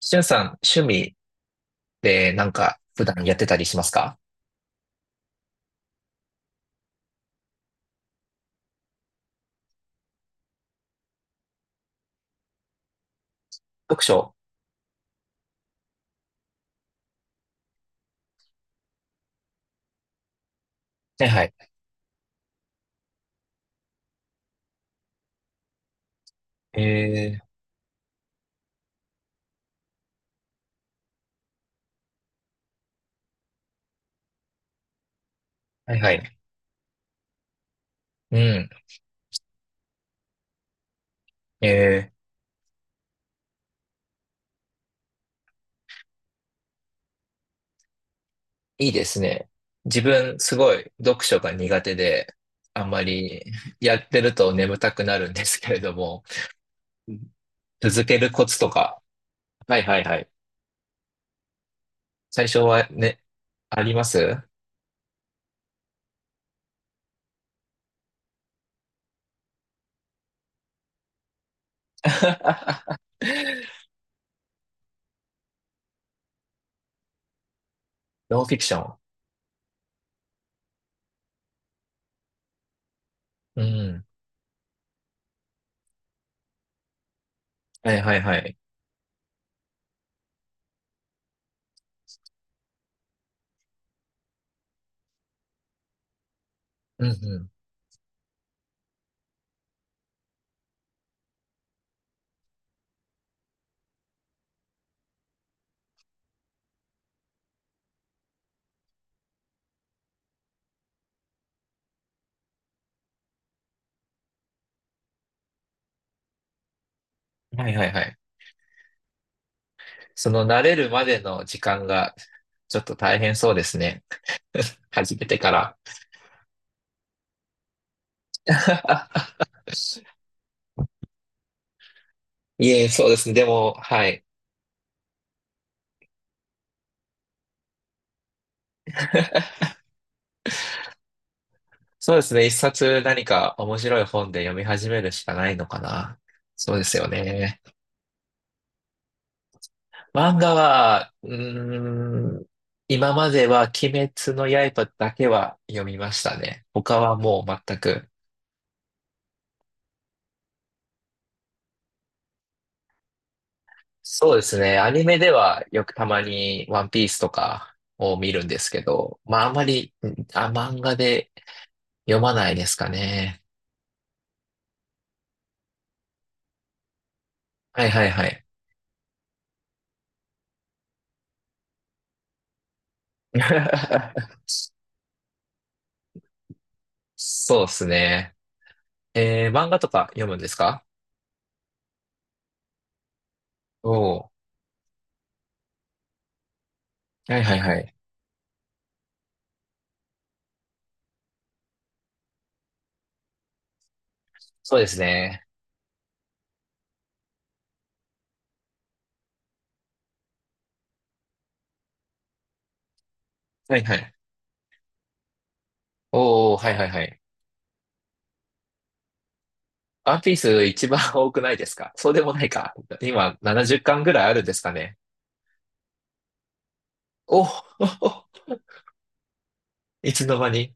しゅんさん、趣味で普段やってたりしますか？読書。はいはい。えー、はいはい。うん。えー、いいですね。自分すごい読書が苦手で、あんまりやってると眠たくなるんですけれども、うん、続けるコツとか。はいはいはい。最初はね、あります？ ノンフィクション。うん。はいはいはい。うんうん。はいはいはい。その慣れるまでの時間がちょっと大変そうですね。始めてから。いえ、そうですね。でも、はい。そうですね。一冊何か面白い本で読み始めるしかないのかな。そうですよね。漫画は、今までは鬼滅の刃だけは読みましたね。他はもう全く。そうですね。アニメではよくたまにワンピースとかを見るんですけど、まああんまり、ん、あ、漫画で読まないですかね。はいはいはい。そうですね。えー、漫画とか読むんですか？おおー、はいはいはい。そうですね。はいはい。おお、はいはいはい。ワンピース一番多くないですか？そうでもないか。今70巻ぐらいあるんですかね。おお、いつの間に。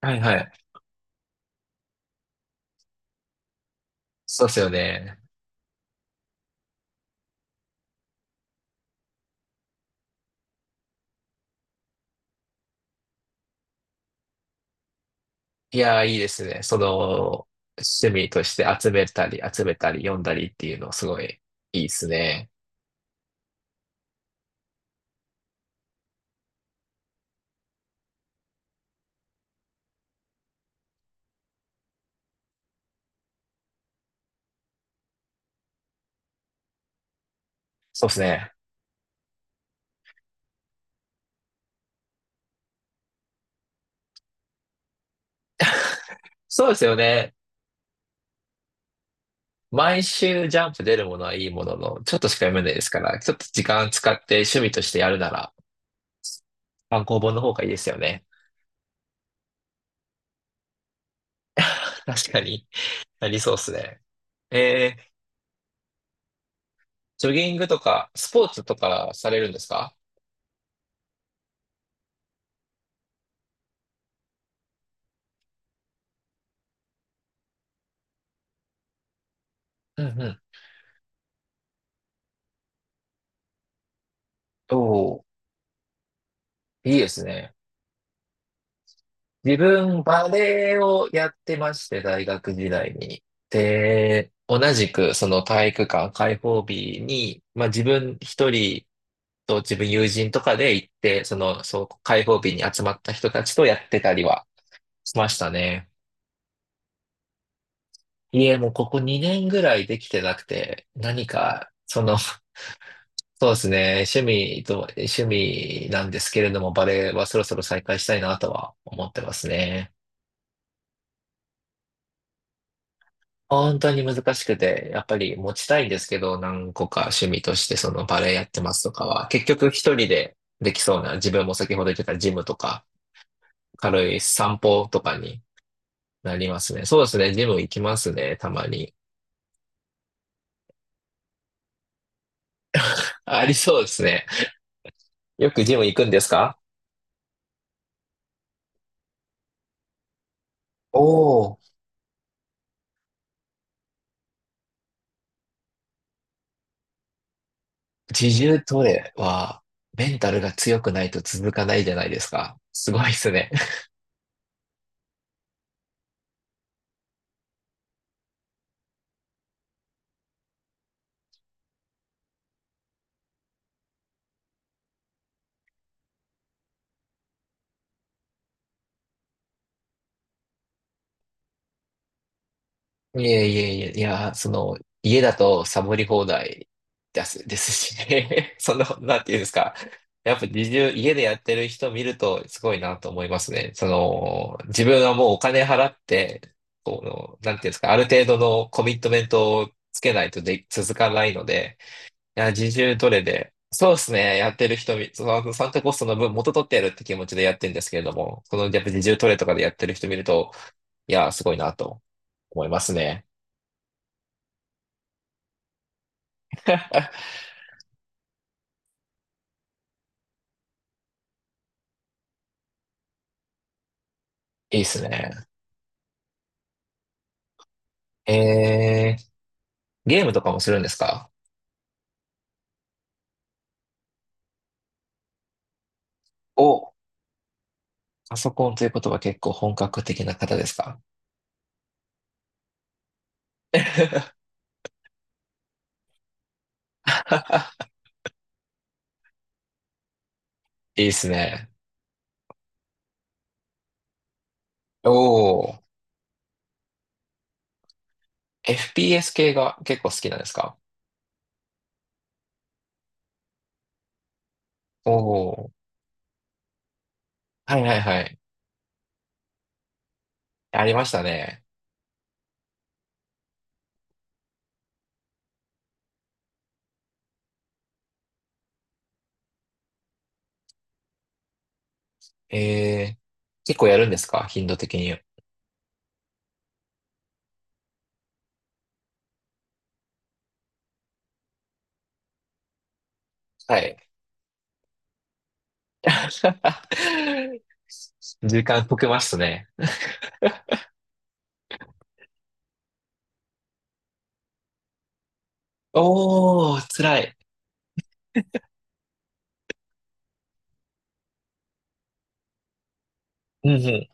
はいはい。そうですよね。いやー、いいですね。趣味として集めたり、読んだりっていうの、すごいいいですね。そうですね。そうですよね。毎週ジャンプ出るものはいいものの、ちょっとしか読めないですから、ちょっと時間使って趣味としてやるなら、単行本の方がいいですよね。確かに。ありそうですね。えー、ジョギングとか、スポーツとかされるんですか？うんうん。おー、いいですね。自分、バレエをやってまして、大学時代に。で、同じく、その体育館開放日に、まあ自分一人と自分友人とかで行って、開放日に集まった人たちとやってたりはしましたね。いえ、もうここ2年ぐらいできてなくて、何か、その、そうですね、趣味なんですけれども、バレエはそろそろ再開したいなとは思ってますね。本当に難しくて、やっぱり持ちたいんですけど、何個か趣味としてそのバレエやってますとかは、結局一人でできそうな、自分も先ほど言ってたジムとか、軽い散歩とかになりますね。そうですね、ジム行きますね、たまに。ありそうですね。よくジム行くんですか？おおー、自重トレはメンタルが強くないと続かないじゃないですか。すごいですね。いやいやいや、いや、その、家だとサボり放題です、ですしね。その、なんていうんですか。やっぱ自重、家でやってる人見るとすごいなと思いますね。その、自分はもうお金払って、この、なんていうんですか、ある程度のコミットメントをつけないとで、続かないので、自重どれで、そうですね、やってる人見、その、サンタコストの分元取ってやるって気持ちでやってるんですけれども、やっぱ自重トレとかでやってる人見ると、いや、すごいなと思いますね。いいっすね。えー、ゲームとかもするんですか？お、パソコンということは結構本格的な方ですか？いいっすね。おー、FPS 系が結構好きなんですか？おー、はいはいはい。ありましたね。えー、結構やるんですか？頻度的に。はい。時間解けますね。おー、辛い。うんうん。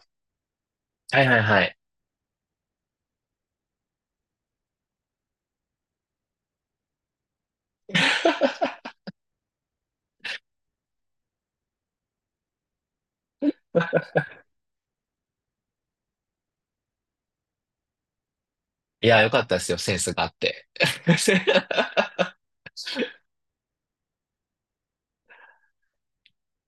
はいはいはい。いや、よかったですよ。センスがあって。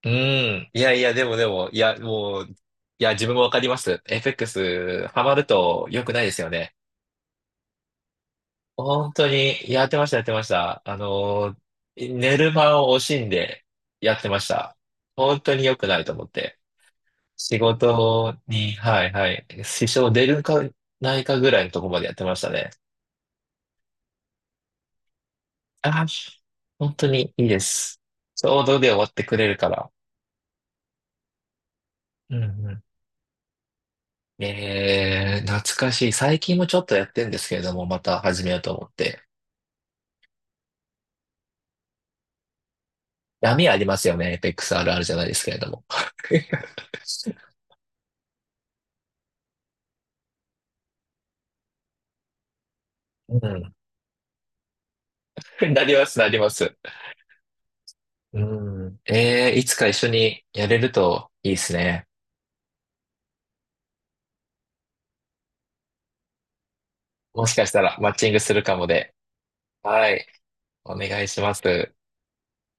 うん。いやいや、でもでも、いや、もう、いや、自分もわかります。FX、ハマると良くないですよね。本当に、やってました。あのー、寝る間を惜しんでやってました。本当に良くないと思って。仕事に、はいはい、支障出るかないかぐらいのところまでやってましたね。あー、本当にいいです。ちょうどで終わってくれるから。うんうん、えー、懐かしい。最近もちょっとやってんですけれども、また始めようと思って。闇ありますよね。エペックスあるあるじゃないですけれども。うん。なります、なります。うん。えー、いつか一緒にやれるといいですね。もしかしたらマッチングするかもで。はい。お願いします。